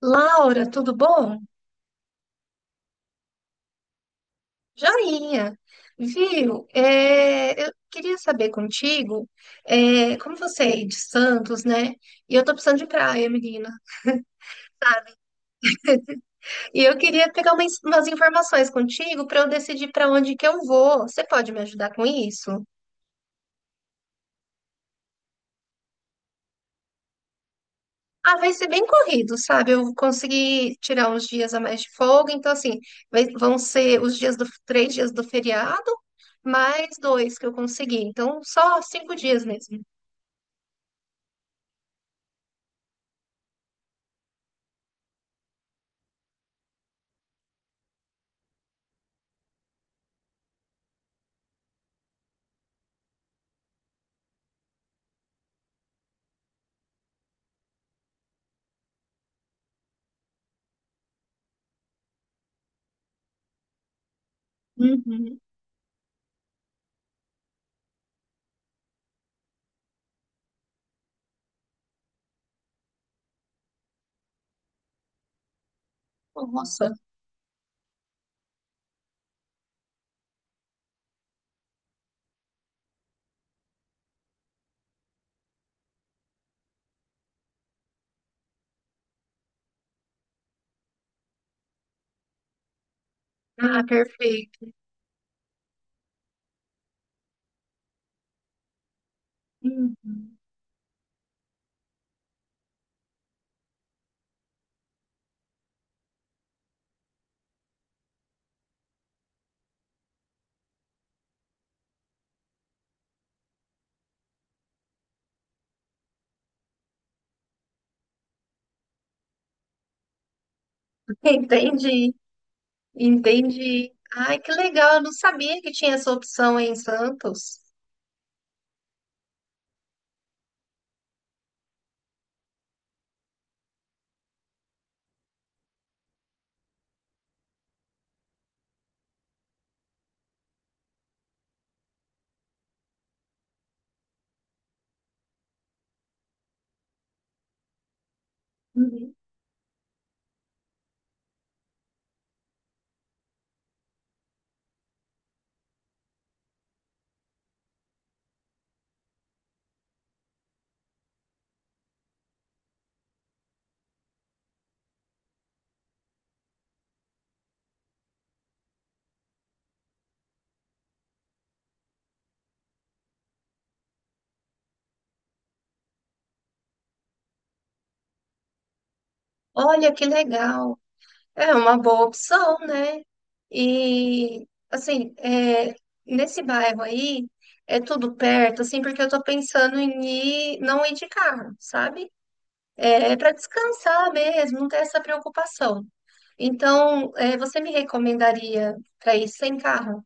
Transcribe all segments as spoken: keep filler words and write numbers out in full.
Laura, tudo bom? Joinha. Viu? É, eu queria saber contigo, é, como você é de Santos, né? E eu tô precisando de praia, menina. E eu queria pegar umas, umas informações contigo para eu decidir para onde que eu vou. Você pode me ajudar com isso? Ah, vai ser bem corrido, sabe? Eu consegui tirar uns dias a mais de folga, então assim, vai- vão ser os dias do, três dias do feriado, mais dois que eu consegui. Então, só cinco dias mesmo. Uhum. Nossa, ah, perfeito. Hum. Entendi, entendi. Ai, que legal, eu não sabia que tinha essa opção em Santos. Uhum. Olha que legal. É uma boa opção, né? E, assim, é, nesse bairro aí, é tudo perto, assim, porque eu tô pensando em ir, não ir de carro, sabe? É, para descansar mesmo, não ter essa preocupação. Então, é, você me recomendaria para ir sem carro?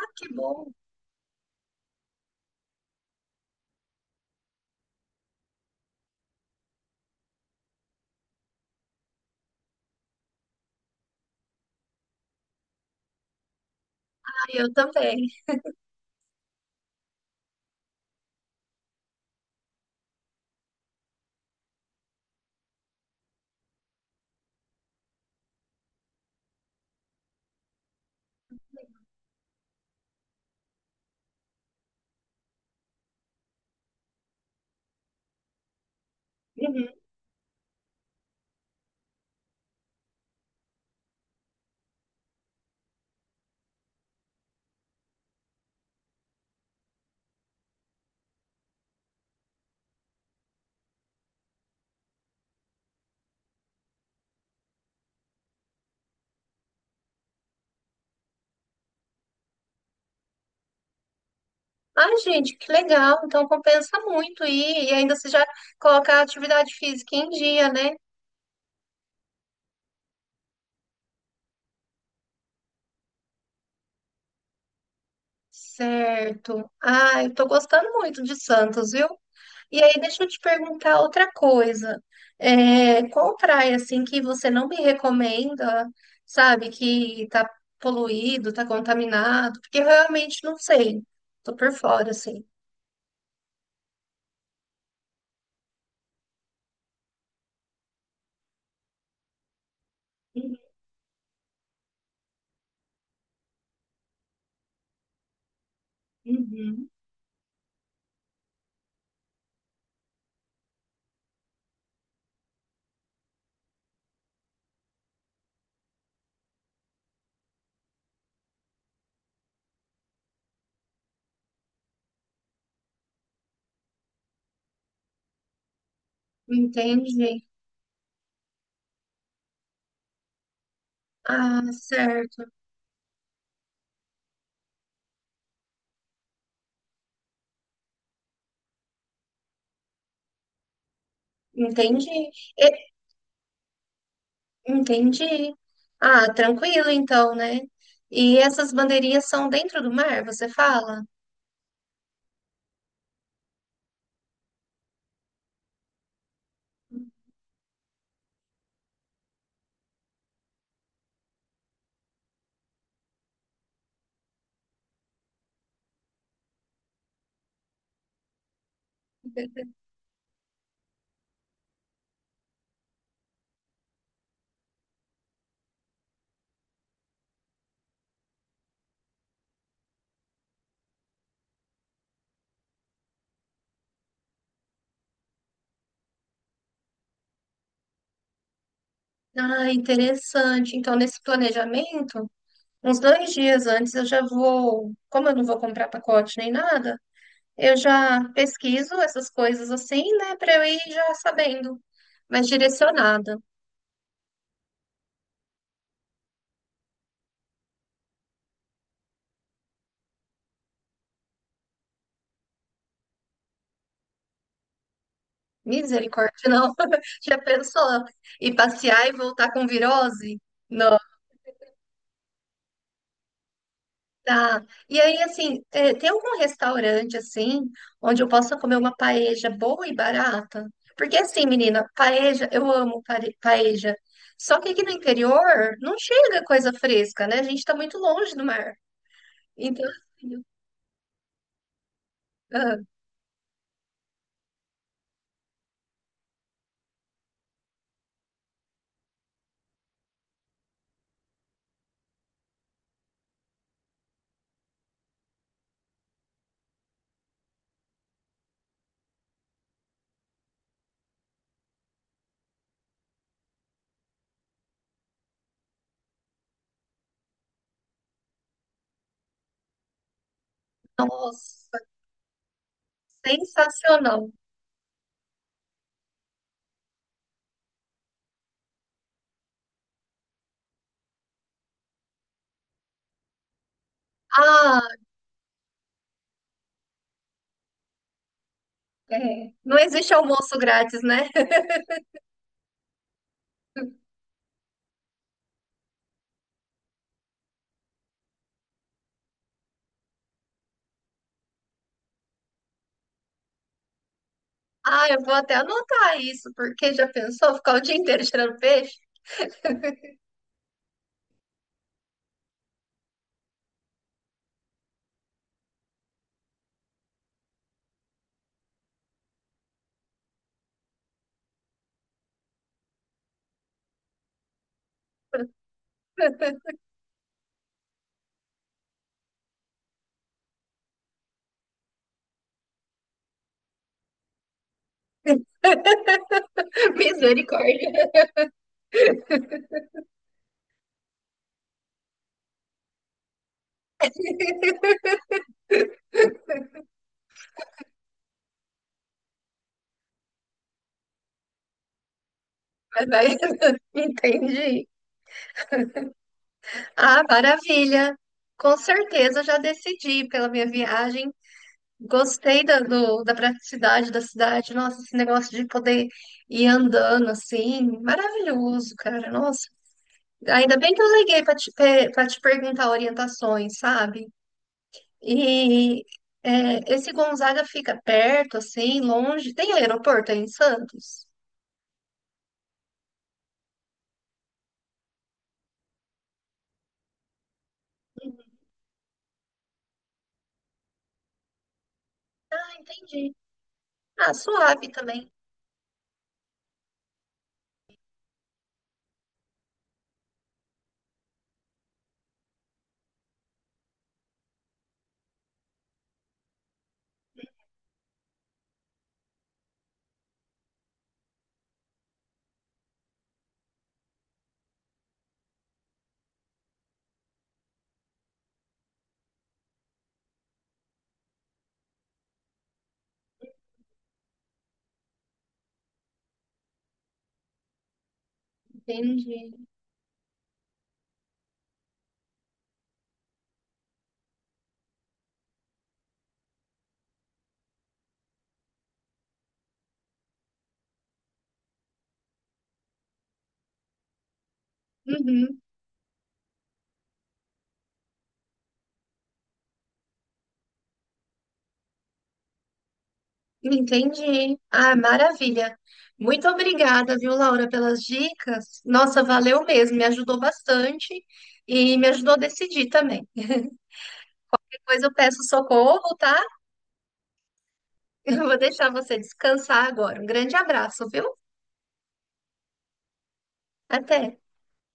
Ah, que bom. Eu também. Uhum. Ai, gente, que legal. Então compensa muito ir e ainda se já colocar a atividade física em dia, né? Certo. Ai, eu tô gostando muito de Santos, viu? E aí, deixa eu te perguntar outra coisa. É, qual praia, assim, que você não me recomenda, sabe, que tá poluído, tá contaminado? Porque eu realmente não sei. Tô por fora, assim. Uhum. Entendi. Ah, certo. Entendi. Entendi. Ah, tranquilo então, né? E essas bandeirinhas são dentro do mar, você fala? Ah, interessante. Então, nesse planejamento, uns dois dias antes eu já vou, como eu não vou comprar pacote nem nada, eu já pesquiso essas coisas assim, né, para eu ir já sabendo, mas direcionada. Misericórdia, não. Já pensou? E passear e voltar com virose? Tá. E aí, assim, é, tem algum restaurante, assim, onde eu possa comer uma paeja boa e barata? Porque, assim, menina, paeja, eu amo pare- paeja. Só que aqui no interior não chega coisa fresca, né? A gente tá muito longe do mar. Então, assim, ah, nossa, sensacional. Ah, é. Não existe almoço grátis, né? Ah, eu vou até anotar isso, porque já pensou ficar o dia inteiro tirando peixe? Misericórdia. Mas vai. Entendi. Ah, maravilha. Com certeza já decidi pela minha viagem. Gostei da, do- da praticidade da cidade. Nossa, esse negócio de poder ir andando assim, maravilhoso, cara. Nossa, ainda bem que eu liguei para te, para te perguntar orientações, sabe? E é, esse Gonzaga fica perto, assim, longe. Tem aeroporto aí em Santos? Ah, entendi. Ah, suave também. Entendi. Uhum. Entendi. Ah, maravilha. Muito obrigada, viu, Laura, pelas dicas. Nossa, valeu mesmo, me ajudou bastante e me ajudou a decidir também. Depois eu peço socorro, tá? Eu vou deixar você descansar agora. Um grande abraço, viu? Até.